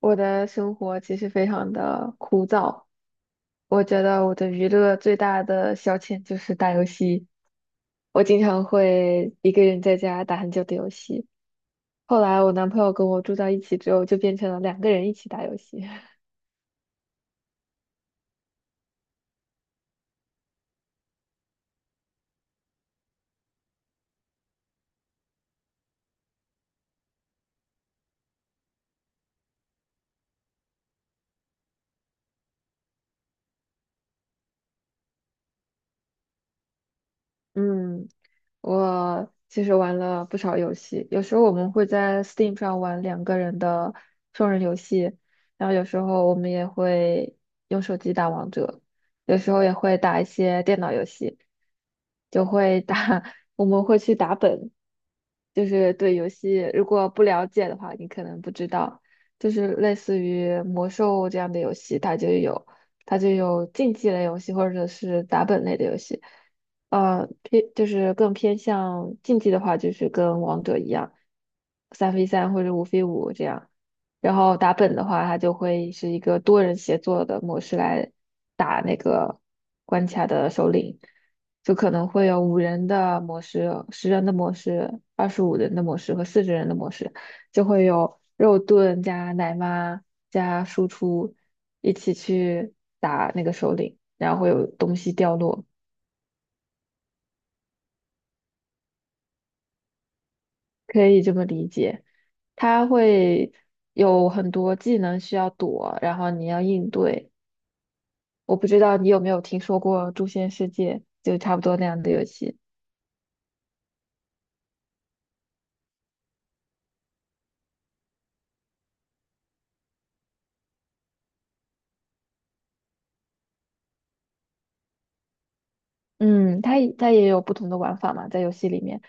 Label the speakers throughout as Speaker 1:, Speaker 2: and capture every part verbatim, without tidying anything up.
Speaker 1: 我的生活其实非常的枯燥，我觉得我的娱乐最大的消遣就是打游戏。我经常会一个人在家打很久的游戏。后来我男朋友跟我住在一起之后，就变成了两个人一起打游戏。嗯，我其实玩了不少游戏，有时候我们会在 Steam 上玩两个人的双人游戏，然后有时候我们也会用手机打王者，有时候也会打一些电脑游戏。就会打，我们会去打本，就是对游戏如果不了解的话，你可能不知道，就是类似于魔兽这样的游戏，它就有它就有竞技类游戏或者是打本类的游戏。呃，偏就是更偏向竞技的话，就是跟王者一样，三 v 三或者五 v 五这样。然后打本的话，它就会是一个多人协作的模式来打那个关卡的首领。就可能会有五人的模式、十人的模式、二十五人的模式和四十人的模式，就会有肉盾加奶妈加输出一起去打那个首领，然后会有东西掉落。可以这么理解。它会有很多技能需要躲，然后你要应对。我不知道你有没有听说过《诛仙世界》，就差不多那样的游戏。嗯，它也它也有不同的玩法嘛，在游戏里面，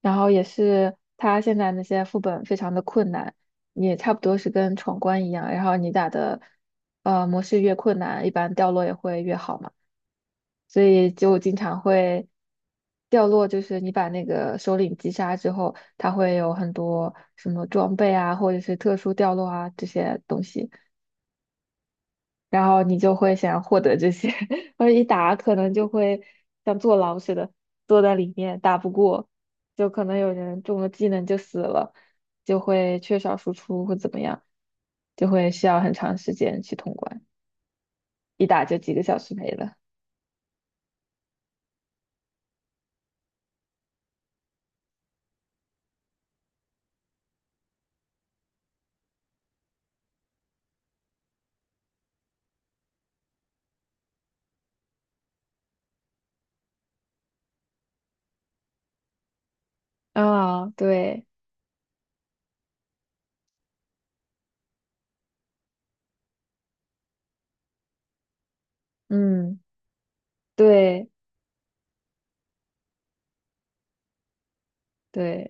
Speaker 1: 然后也是它现在那些副本非常的困难，也差不多是跟闯关一样，然后你打的呃模式越困难，一般掉落也会越好嘛，所以就经常会掉落。就是你把那个首领击杀之后，它会有很多什么装备啊，或者是特殊掉落啊这些东西。然后你就会想要获得这些，而一打可能就会像坐牢似的坐在里面打不过，就可能有人中了技能就死了，就会缺少输出或怎么样，就会需要很长时间去通关，一打就几个小时没了。啊、对，嗯，对对，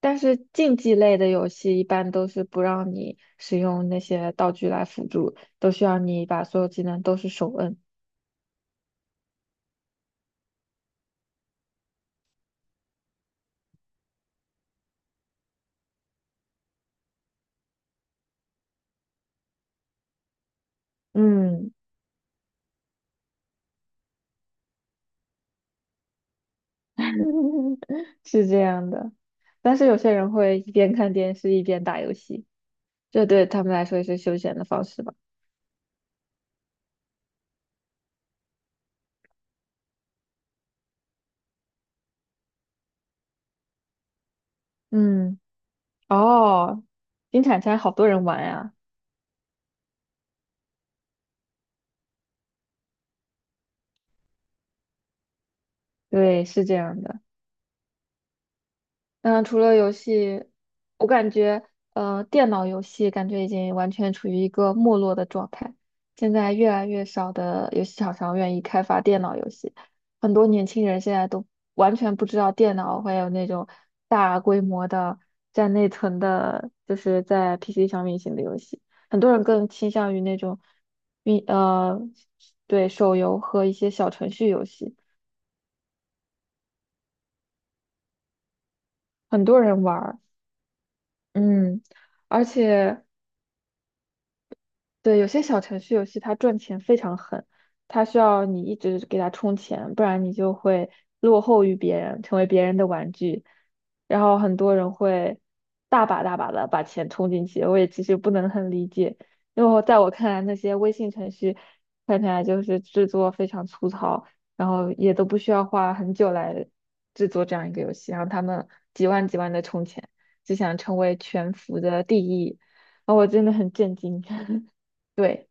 Speaker 1: 但是竞技类的游戏一般都是不让你使用那些道具来辅助，都需要你把所有技能都是手摁。嗯。是这样的，但是有些人会一边看电视一边打游戏，这对他们来说也是休闲的方式吧。嗯，哦，金铲铲好多人玩呀。对，是这样的。嗯，除了游戏，我感觉呃，电脑游戏感觉已经完全处于一个没落的状态。现在越来越少的游戏厂商愿意开发电脑游戏，很多年轻人现在都完全不知道电脑会有那种大规模的占内存的，就是在 P C 上运行的游戏。很多人更倾向于那种运呃，对手游和一些小程序游戏，很多人玩儿，嗯。而且对，有些小程序游戏它赚钱非常狠，它需要你一直给它充钱，不然你就会落后于别人，成为别人的玩具。然后很多人会大把大把的把钱充进去，我也其实不能很理解，因为我在我看来，那些微信程序看起来就是制作非常粗糙，然后也都不需要花很久来制作这样一个游戏，然后他们几万几万的充钱，就想成为全服的第一，然后我真的很震惊。对，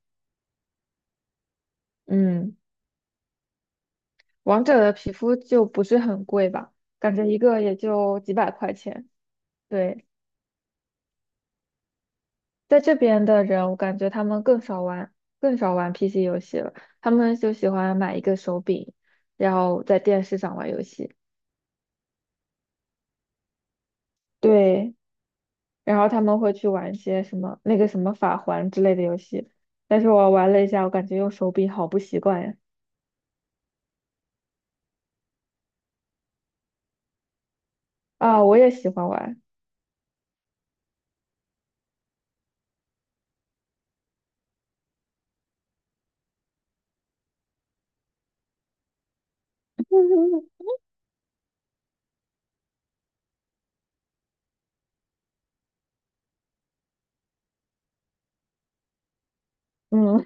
Speaker 1: 嗯，王者的皮肤就不是很贵吧，感觉一个也就几百块钱。对，在这边的人，我感觉他们更少玩，更少玩 P C 游戏了，他们就喜欢买一个手柄，然后在电视上玩游戏。对，然后他们会去玩一些什么那个什么法环之类的游戏，但是我玩了一下，我感觉用手柄好不习惯呀。啊，我也喜欢玩。嗯，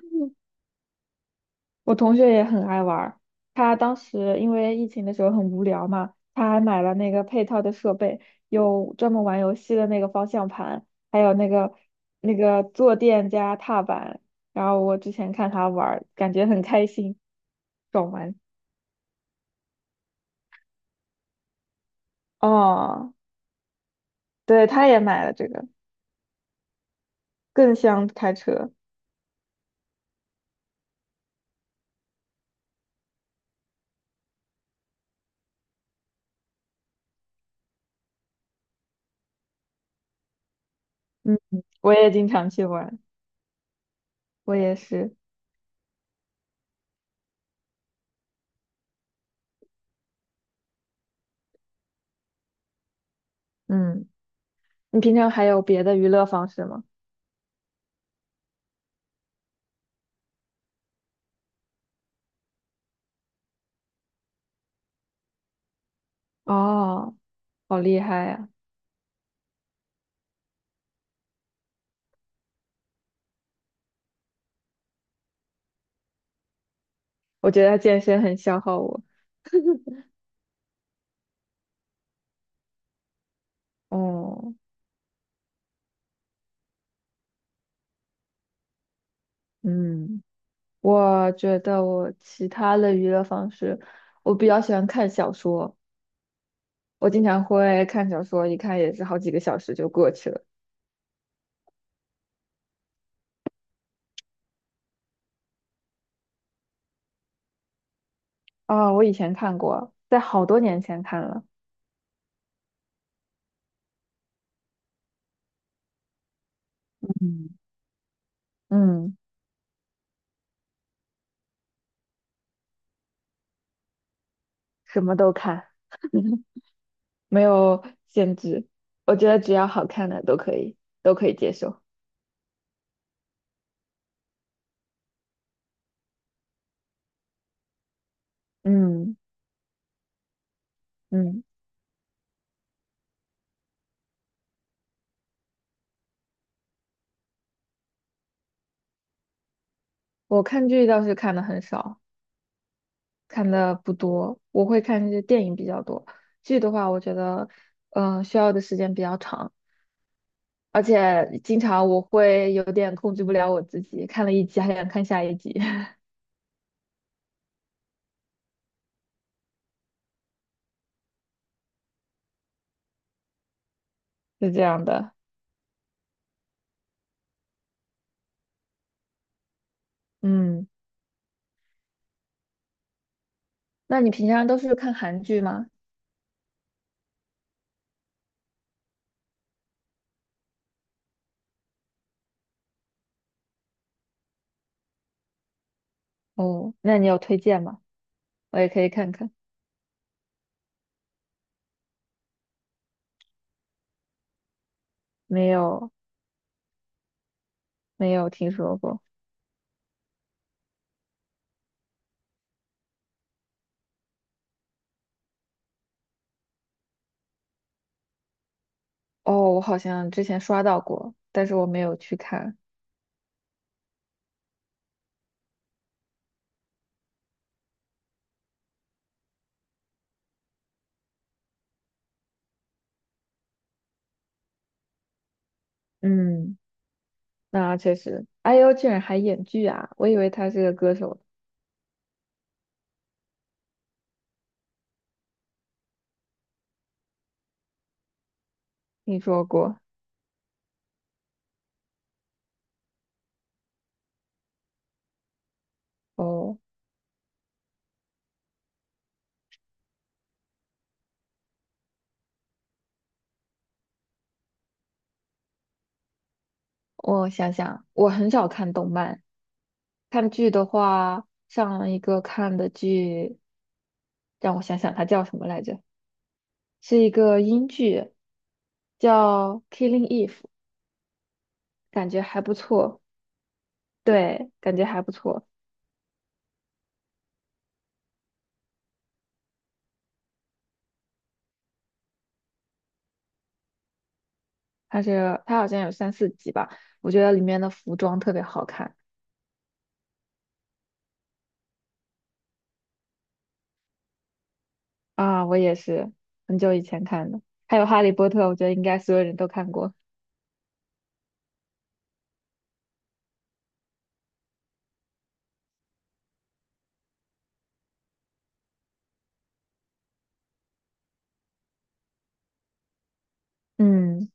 Speaker 1: 我同学也很爱玩儿，他当时因为疫情的时候很无聊嘛，他还买了那个配套的设备，有专门玩游戏的那个方向盘，还有那个那个坐垫加踏板。然后我之前看他玩儿，感觉很开心，爽玩。哦，对，他也买了这个，更像开车。嗯，我也经常去玩，我也是。嗯，你平常还有别的娱乐方式吗？哦，好厉害呀！我觉得健身很消耗我。哦，嗯，我觉得我其他的娱乐方式，我比较喜欢看小说，我经常会看小说，一看也是好几个小时就过去了。啊、我以前看过，在好多年前看了，嗯，嗯，什么都看。没有限制，我觉得只要好看的都可以，都可以接受。嗯嗯，我看剧倒是看的很少。看的不多，我会看这些电影比较多。剧的话，我觉得，嗯、需要的时间比较长，而且经常我会有点控制不了我自己，看了一集还想看下一集。是这样的。嗯，那你平常都是看韩剧吗？哦，那你有推荐吗？我也可以看看。没有，没有听说过。哦，我好像之前刷到过，但是我没有去看。嗯，那确实，I U 居然还演剧啊，我以为他是个歌手。听说过。哦，我想想，我很少看动漫，看剧的话，上一个看的剧，让我想想，它叫什么来着？是一个英剧，叫《Killing Eve》，感觉还不错。对，感觉还不错。它是它好像有三四集吧，我觉得里面的服装特别好看。啊，我也是很久以前看的。还有《哈利波特》，我觉得应该所有人都看过。嗯。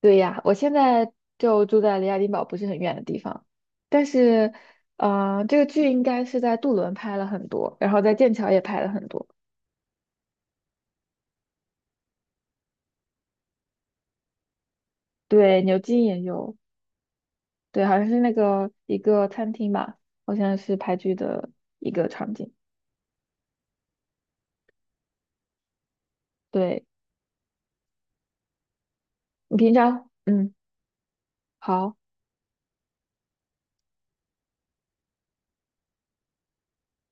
Speaker 1: 对呀，我现在就住在离爱丁堡不是很远的地方，但是，呃，这个剧应该是在杜伦拍了很多，然后在剑桥也拍了很多。对，牛津也有，对，好像是那个一个餐厅吧，好像是拍剧的一个场景。对，你平常，嗯，好。